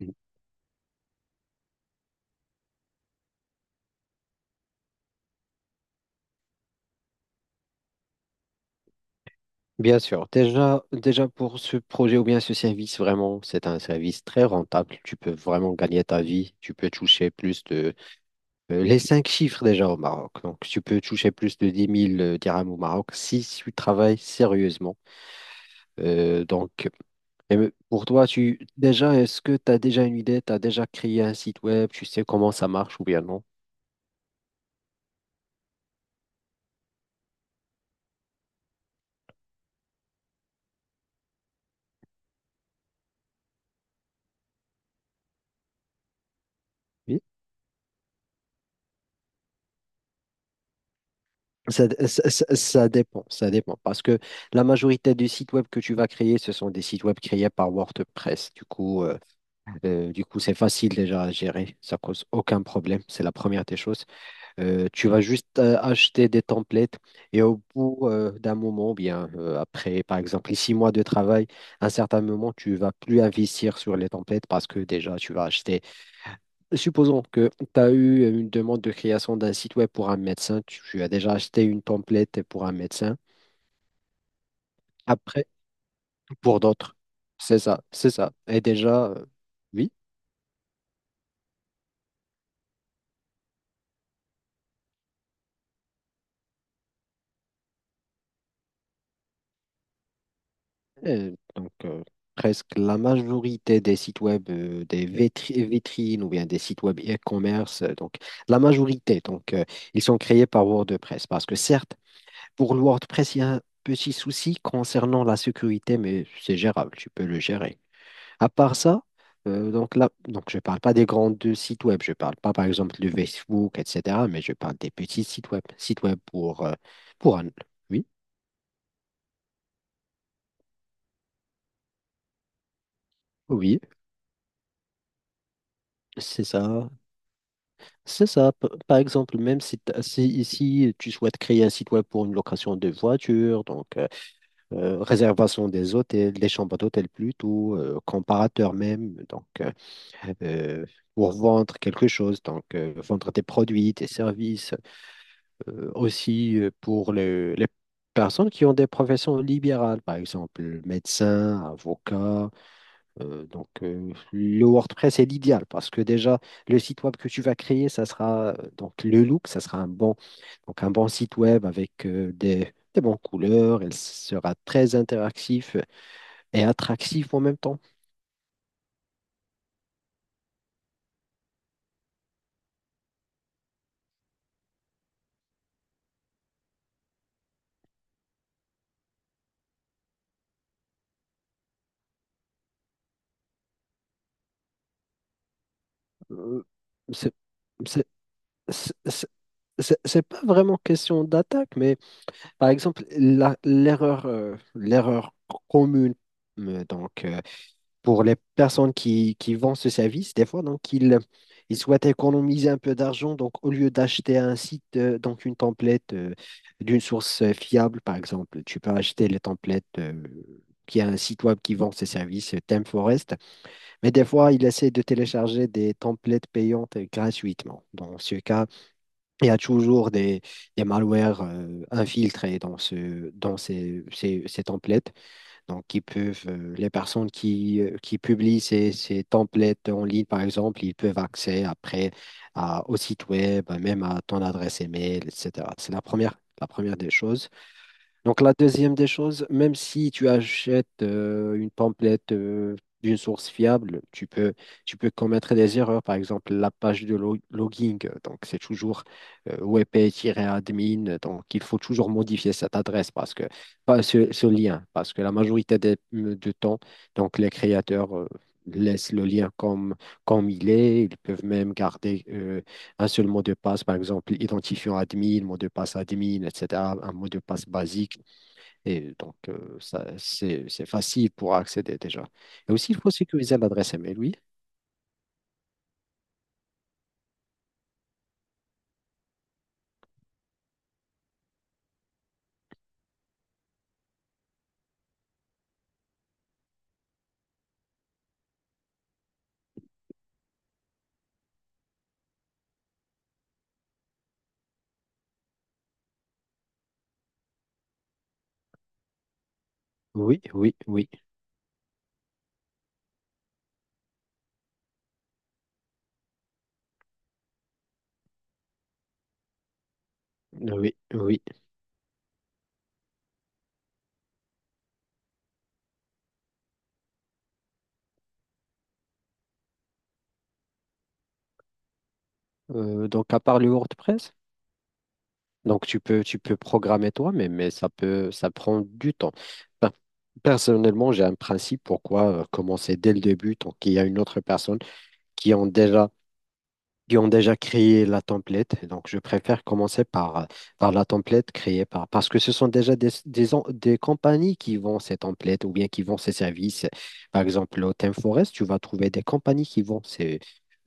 Mhm. Bien sûr. Déjà, pour ce projet ou bien ce service, vraiment, c'est un service très rentable. Tu peux vraiment gagner ta vie. Tu peux toucher plus de Les cinq chiffres déjà au Maroc. Donc, tu peux toucher plus de 10 000 dirhams au Maroc si tu travailles sérieusement. Euh, donc, pour toi, est-ce que tu as déjà une idée? Tu as déjà créé un site web? Tu sais comment ça marche ou bien non? Oui. Ça dépend, ça dépend. Parce que la majorité des sites web que tu vas créer, ce sont des sites web créés par WordPress. Du coup, c'est facile déjà à gérer, ça cause aucun problème, c'est la première des choses. Tu vas juste acheter des templates et au bout d'un moment, bien après, par exemple, les 6 mois de travail, à un certain moment, tu vas plus investir sur les templates parce que déjà, tu vas acheter. Supposons que tu as eu une demande de création d'un site web pour un médecin, tu as déjà acheté une template pour un médecin, après, pour d'autres. C'est ça, c'est ça. Et déjà, oui. Et donc, presque la majorité des sites web, des vitrines ou bien des sites web e-commerce, donc la majorité, ils sont créés par WordPress. Parce que certes, pour le WordPress, il y a un petit souci concernant la sécurité, mais c'est gérable, tu peux le gérer. À part ça, donc là, donc je ne parle pas des grands deux sites web, je ne parle pas par exemple de Facebook, etc., mais je parle des petits sites web pour un... Oui, oui, c'est ça. C'est ça. Par exemple, même si, ici tu souhaites créer un site web pour une location de voiture, donc réservation des hôtels, des chambres d'hôtel plutôt, comparateur même, donc euh, pour vendre quelque chose, donc vendre tes produits, tes services, aussi pour les personnes qui ont des professions libérales, par exemple médecin, avocat. Le WordPress est l'idéal parce que déjà, le site web que tu vas créer, ça sera donc le look, ça sera donc un bon site web avec des bonnes couleurs. Il sera très interactif et attractif en même temps. Euh, c'est c'est- c'est- c'est- c'est pas vraiment question d'attaque, mais par exemple, l'erreur commune, euh, donc, euh, pour les personnes qui vendent ce service, des fois, donc, ils souhaitent économiser un peu d'argent. Donc, au lieu d'acheter un site, donc une template d'une source fiable, par exemple, tu peux acheter les templates qui a un site web qui vend ces services, ThemeForest. Mais des fois, ils essaient de télécharger des templates payantes gratuitement. Dans ce cas, il y a toujours des malwares infiltrés dans ces templates. Donc, les personnes qui publient ces templates en ligne, par exemple, ils peuvent accéder après au site web, même à ton adresse email, etc. C'est la première des choses. Donc la deuxième des choses, même si tu achètes une template d'une source fiable, tu peux commettre des erreurs. Par exemple, la page de logging, donc c'est toujours wp-admin, donc il faut toujours modifier cette adresse parce que pas ce, ce lien, parce que la majorité du temps, donc les créateurs laissent le lien comme il est. Ils peuvent même garder un seul mot de passe, par exemple, identifiant admin, mot de passe admin, etc., un mot de passe basique. Et donc, ça, c'est facile pour accéder déjà. Et aussi, il faut sécuriser l'adresse email, oui. Oui, oui, oui, oui, oui. À part le WordPress, donc tu peux programmer toi, mais ça prend du temps. Ben, personnellement, j'ai un principe pourquoi commencer dès le début, tant qu'il y a une autre personne qui ont déjà qui ont déjà créé la template. Donc, je préfère commencer par, la template créée par, parce que ce sont déjà des compagnies qui vendent ces templates ou bien qui vendent ces services. Par exemple, au ThemeForest, tu vas trouver des compagnies qui vendent ces,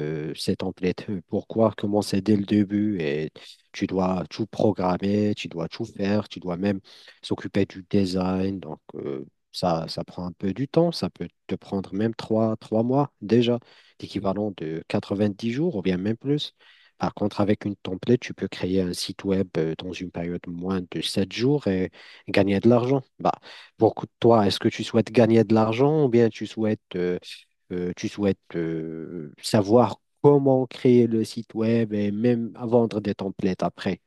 euh, ces templates. Pourquoi commencer dès le début et tu dois tout programmer, tu dois tout faire, tu dois même s'occuper du design. Donc, ça, ça prend un peu du temps, ça peut te prendre même 3 mois déjà l'équivalent de 90 jours ou bien même plus. Par contre, avec une template, tu peux créer un site web dans une période moins de 7 jours et gagner de l'argent. Bah, pour toi, est-ce que tu souhaites gagner de l'argent ou bien tu souhaites savoir comment créer le site web et même vendre des templates après?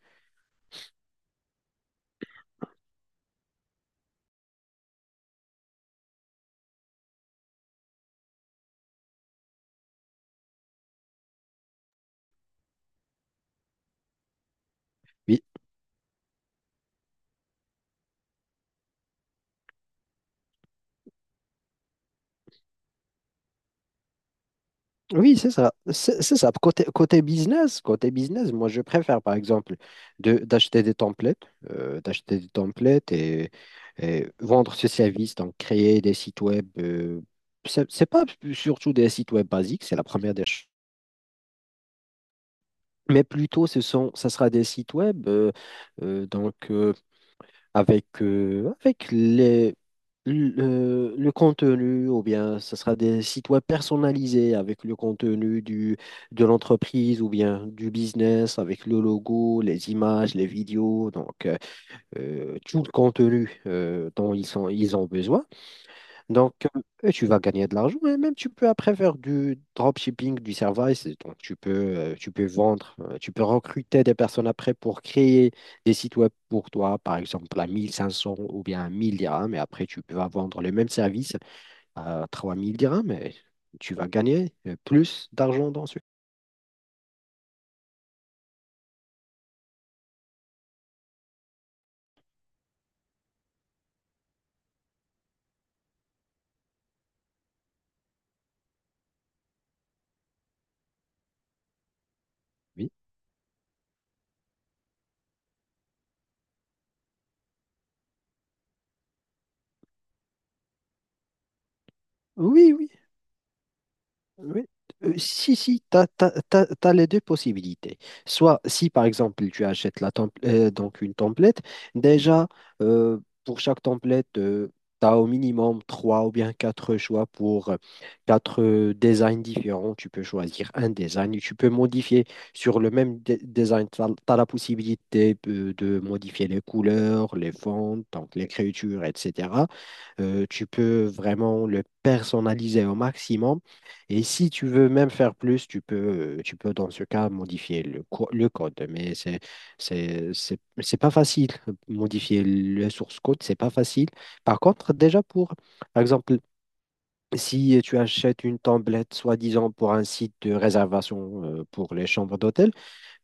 Oui, c'est ça. C'est ça. Côté business, moi, je préfère, par exemple, d'acheter des templates, euh, d'acheter des templates et, et vendre ce service, donc créer des sites web. C'est pas surtout des sites web basiques, c'est la première des choses. Mais plutôt, ça sera des sites web, euh, donc euh, avec, avec le contenu, ou bien ce sera des sites web personnalisés avec le contenu de l'entreprise ou bien du business, avec le logo, les images, les vidéos, tout le contenu dont ils ont besoin. Donc, et tu vas gagner de l'argent et même tu peux après faire du dropshipping, du service. Et donc, tu peux recruter des personnes après pour créer des sites web pour toi, par exemple à 1500 ou bien à 1000 dirhams. Et après, tu peux vendre le même service à 3000 dirhams et tu vas gagner plus d'argent dans ce. Oui, oui, oui, oui, si, si, tu as les deux possibilités. Soit, si par exemple, tu achètes la temp- donc une template, déjà, euh, pour chaque template, tu as au minimum trois ou bien quatre choix pour quatre designs différents. Tu peux choisir un design et tu peux modifier sur le même design. Tu as la possibilité de modifier les couleurs, les fonds, donc l'écriture, etc. Tu peux vraiment le personnaliser au maximum. Et si tu veux même faire plus, tu peux dans ce cas modifier le code. Mais c'est pas facile. Modifier le source code, c'est pas facile. Par contre, déjà par exemple, si tu achètes une template soi-disant pour un site de réservation pour les chambres d'hôtel,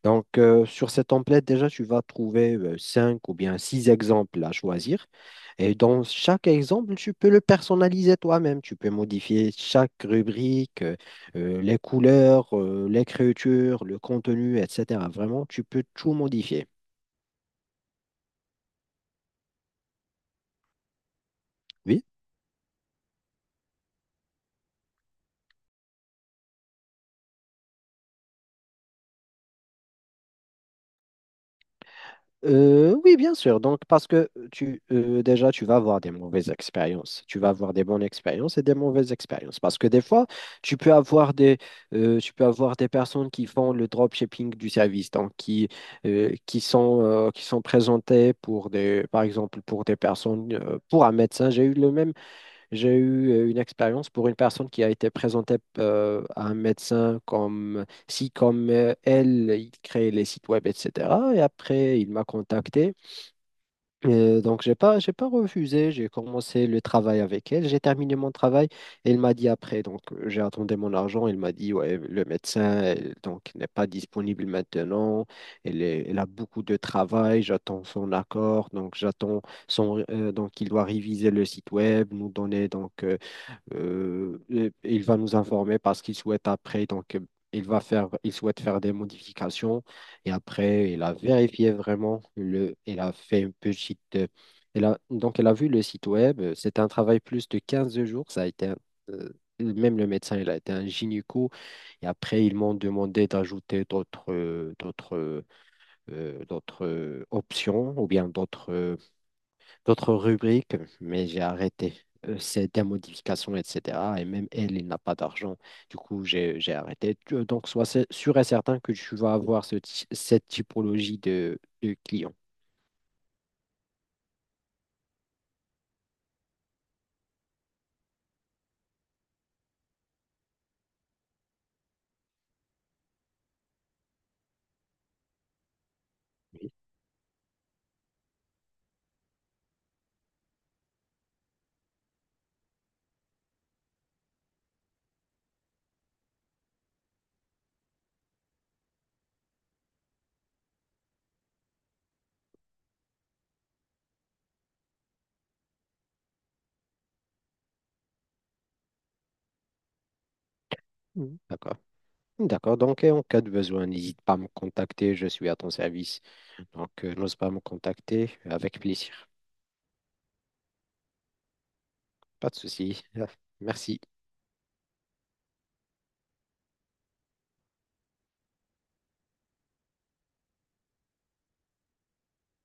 sur cette template, déjà, tu vas trouver cinq ou bien six exemples à choisir. Et dans chaque exemple, tu peux le personnaliser toi-même. Tu peux modifier chaque rubrique, les couleurs, l'écriture, le contenu, etc. Vraiment, tu peux tout modifier. Oui. Oui, bien sûr. Donc, déjà, tu vas avoir des mauvaises expériences. Tu vas avoir des bonnes expériences et des mauvaises expériences. Parce que des fois, tu peux avoir des, tu peux avoir des personnes qui font le dropshipping du service, donc qui sont présentées pour des, par exemple, pour un médecin. J'ai eu une expérience pour une personne qui a été présentée à un médecin comme si, il crée les sites web, etc. Et après, il m'a contacté. J'ai pas refusé. J'ai commencé le travail avec elle. J'ai terminé mon travail. Et il m'a dit après, j'ai attendu mon argent. Il m'a dit, ouais, le médecin, n'est pas disponible maintenant. Elle a beaucoup de travail. J'attends son accord. Donc, il doit réviser le site web, nous donner, et il va nous informer parce qu'il souhaite après, il souhaite faire des modifications et après il a vérifié vraiment il a fait une petite, donc il a vu le site web. C'était un travail plus de 15 jours. Ça a été, un- euh, Même le médecin, il a été un gynéco et après ils m'ont demandé d'ajouter d'autres options ou bien d'autres rubriques, mais j'ai arrêté. C'est des modifications, etc. Et même elle, il n'a pas d'argent. Du coup, j'ai arrêté. Donc, sois sûr et certain que tu vas avoir cette typologie de clients. Mhm. D'accord. D'accord, donc et en cas de besoin, n'hésite pas à me contacter, je suis à ton service. Donc, n'ose pas me contacter, avec plaisir. Pas de souci. Merci.